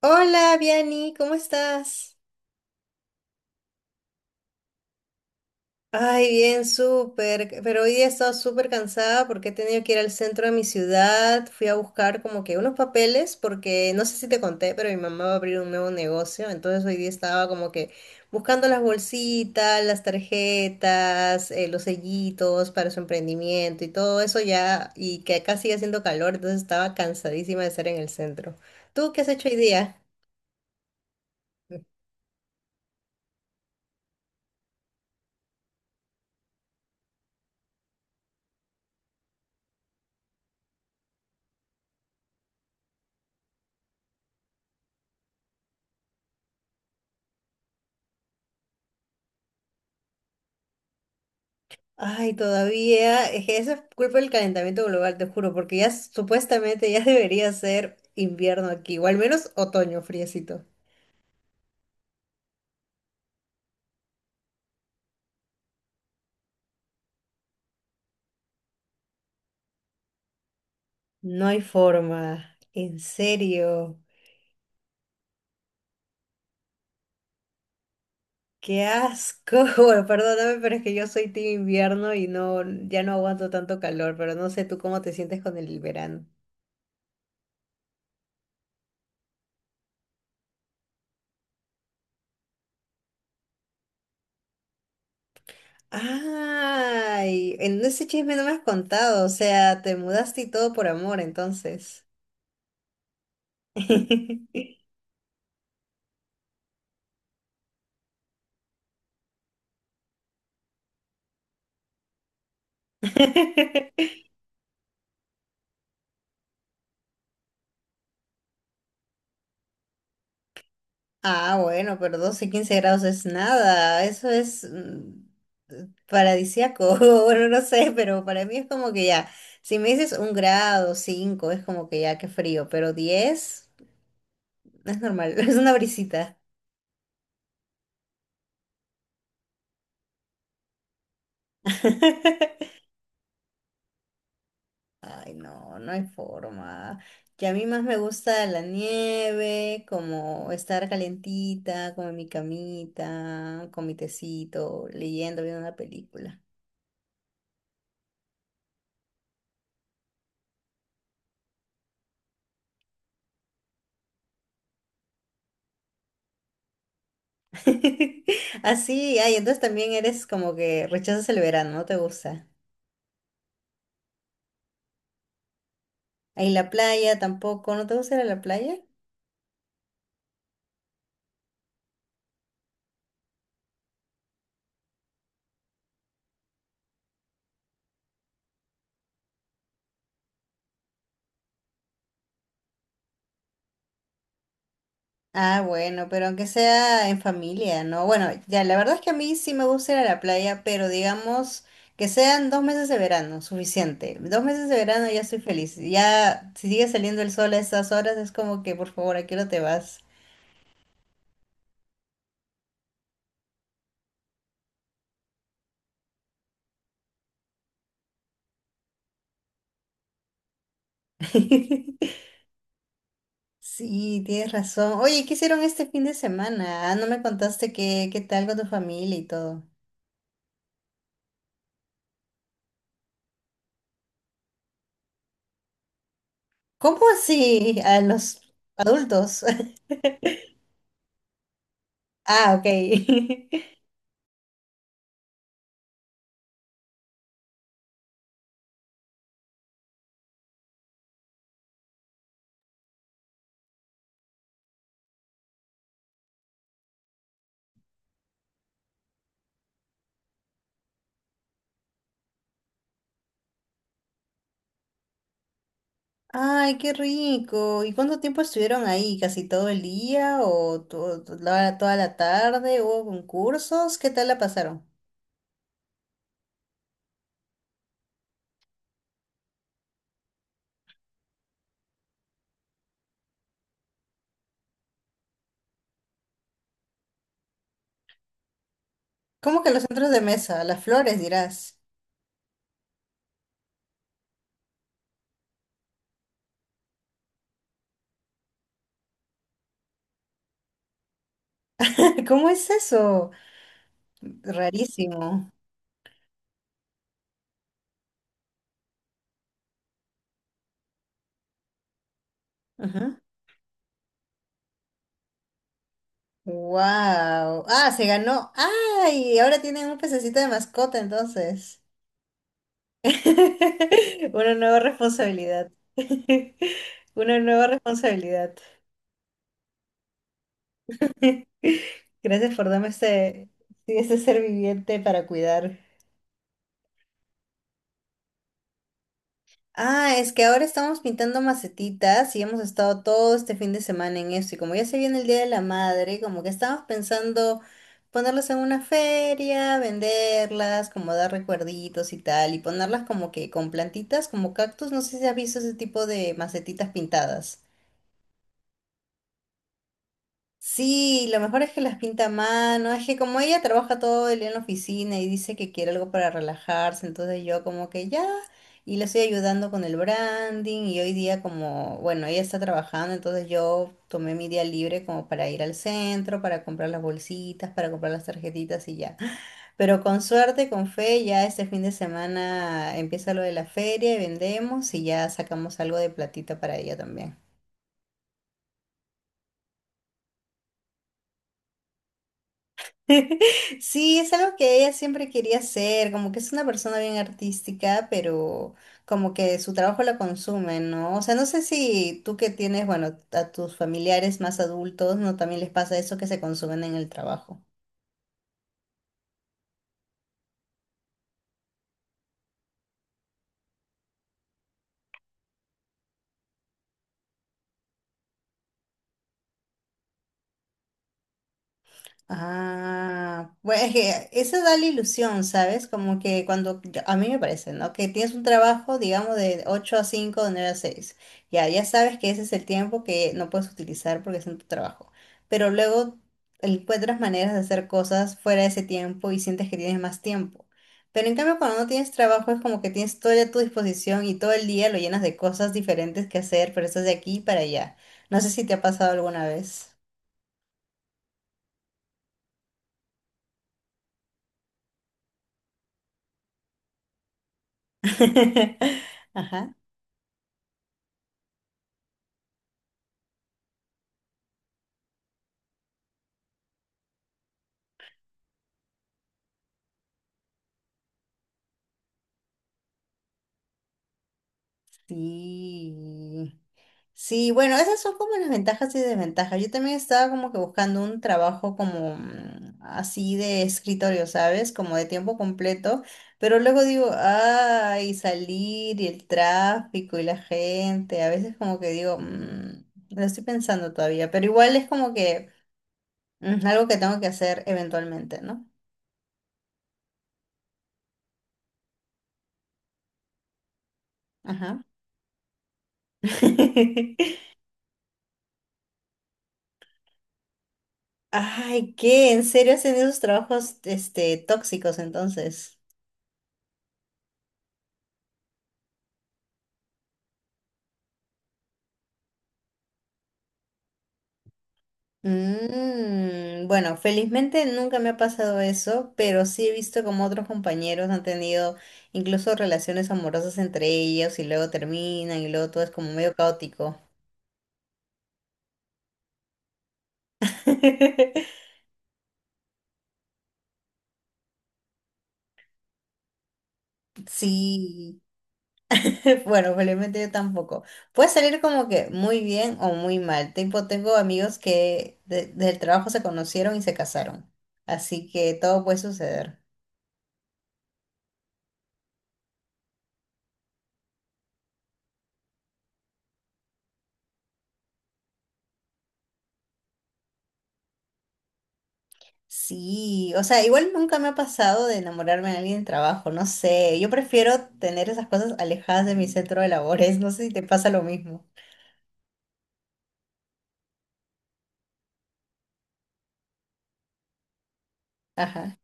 Hola, Viani, ¿cómo estás? Ay, bien, súper. Pero hoy día he estado súper cansada porque he tenido que ir al centro de mi ciudad. Fui a buscar como que unos papeles porque no sé si te conté, pero mi mamá va a abrir un nuevo negocio. Entonces hoy día estaba como que buscando las bolsitas, las tarjetas, los sellitos para su emprendimiento y todo eso ya. Y que acá sigue haciendo calor, entonces estaba cansadísima de estar en el centro. ¿Tú qué has hecho hoy día? Ay, todavía, es que eso es culpa del calentamiento global, te juro, porque ya supuestamente ya debería ser invierno aquí, o al menos otoño friecito. No hay forma, en serio, qué asco. Bueno, perdóname, pero es que yo soy team invierno y no, ya no aguanto tanto calor, pero no sé tú cómo te sientes con el verano. Ay, en ese chisme no me has contado, o sea, te mudaste y todo por amor, entonces. Ah, bueno, pero 12 15 grados es nada. Eso es paradisíaco. Bueno, no sé, pero para mí es como que ya. Si me dices un grado, cinco, es como que ya, qué frío. Pero 10 es normal, es una brisita. Ay, no, no hay forma. Que a mí más me gusta la nieve, como estar calentita, como en mi camita, con mi tecito, leyendo, viendo una película. Así, ay, entonces también eres como que rechazas el verano, no te gusta. Ahí la playa tampoco, ¿no te gusta ir a la playa? Ah, bueno, pero aunque sea en familia, ¿no? Bueno, ya, la verdad es que a mí sí me gusta ir a la playa, pero digamos que sean 2 meses de verano, suficiente. 2 meses de verano ya estoy feliz. Ya, si sigue saliendo el sol a estas horas, es como que, por favor, ¿a qué hora te vas? Sí, tienes razón. Oye, ¿qué hicieron este fin de semana? Ah, no me contaste qué tal con tu familia y todo. ¿Cómo así? A los adultos. Ah, ok. Ay, qué rico. ¿Y cuánto tiempo estuvieron ahí? ¿Casi todo el día o toda la tarde? ¿Hubo concursos? ¿Qué tal la pasaron? ¿Cómo que los centros de mesa? Las flores, dirás. ¿Cómo es eso? Rarísimo. Ajá. Wow. Ah, se ganó. Ay, ahora tienen un pececito de mascota entonces. Una nueva responsabilidad. Una nueva responsabilidad. Gracias por darme sí, este ser viviente para cuidar. Ah, es que ahora estamos pintando macetitas y hemos estado todo este fin de semana en eso. Y como ya se viene el Día de la Madre, como que estábamos pensando ponerlas en una feria, venderlas, como dar recuerditos y tal, y ponerlas como que con plantitas, como cactus. No sé si has visto ese tipo de macetitas pintadas. Sí, lo mejor es que las pinta a mano, es que como ella trabaja todo el día en la oficina y dice que quiere algo para relajarse, entonces yo como que ya, y le estoy ayudando con el branding y hoy día como, bueno, ella está trabajando, entonces yo tomé mi día libre como para ir al centro, para comprar las bolsitas, para comprar las tarjetitas y ya. Pero con suerte, con fe, ya este fin de semana empieza lo de la feria y vendemos y ya sacamos algo de platita para ella también. Sí, es algo que ella siempre quería hacer, como que es una persona bien artística, pero como que su trabajo la consume, ¿no? O sea, no sé si tú que tienes, bueno, a tus familiares más adultos, ¿no? También les pasa eso que se consumen en el trabajo. Ah, bueno, es que eso da la ilusión, ¿sabes? Como que cuando, a mí me parece, ¿no? Que tienes un trabajo, digamos, de 8 a 5 de 9 a 6. Ya, ya sabes que ese es el tiempo que no puedes utilizar porque es en tu trabajo. Pero luego encuentras maneras de hacer cosas fuera de ese tiempo y sientes que tienes más tiempo. Pero en cambio, cuando no tienes trabajo, es como que tienes todo a tu disposición y todo el día lo llenas de cosas diferentes que hacer, pero estás de aquí para allá. No sé si te ha pasado alguna vez. Ajá. Sí, sí, bueno, esas son como las ventajas y desventajas. Yo también estaba como que buscando un trabajo como así de escritorio, ¿sabes? Como de tiempo completo, pero luego digo, ay, salir y el tráfico y la gente, a veces como que digo, "Mm, lo estoy pensando todavía, pero igual es como que algo que tengo que hacer eventualmente, ¿no? Ajá. Ay, ¿qué? ¿En serio hacen esos trabajos, tóxicos entonces? Mm, bueno, felizmente nunca me ha pasado eso, pero sí he visto como otros compañeros han tenido incluso relaciones amorosas entre ellos y luego terminan y luego todo es como medio caótico. Sí, bueno, felizmente yo tampoco. Puede salir como que muy bien o muy mal. Tipo, tengo amigos que del trabajo se conocieron y se casaron, así que todo puede suceder. Sí, o sea, igual nunca me ha pasado de enamorarme de alguien en trabajo, no sé, yo prefiero tener esas cosas alejadas de mi centro de labores, no sé si te pasa lo mismo. Ajá,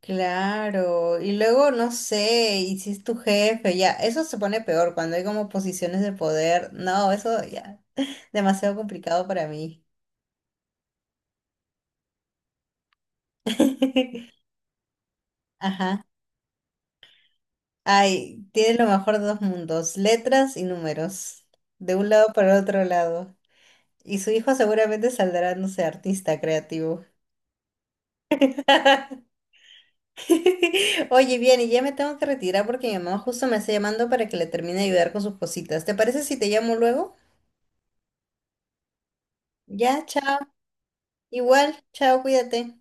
claro, y luego no sé, y si es tu jefe, ya, eso se pone peor cuando hay como posiciones de poder, no, eso ya, demasiado complicado para mí. Ajá, ay, tienes lo mejor de dos mundos, letras y números, de un lado para el otro lado. Y su hijo seguramente saldrá, no sé, artista creativo. Oye, bien, y ya me tengo que retirar porque mi mamá justo me está llamando para que le termine de ayudar con sus cositas. ¿Te parece si te llamo luego? Ya, chao. Igual, chao, cuídate.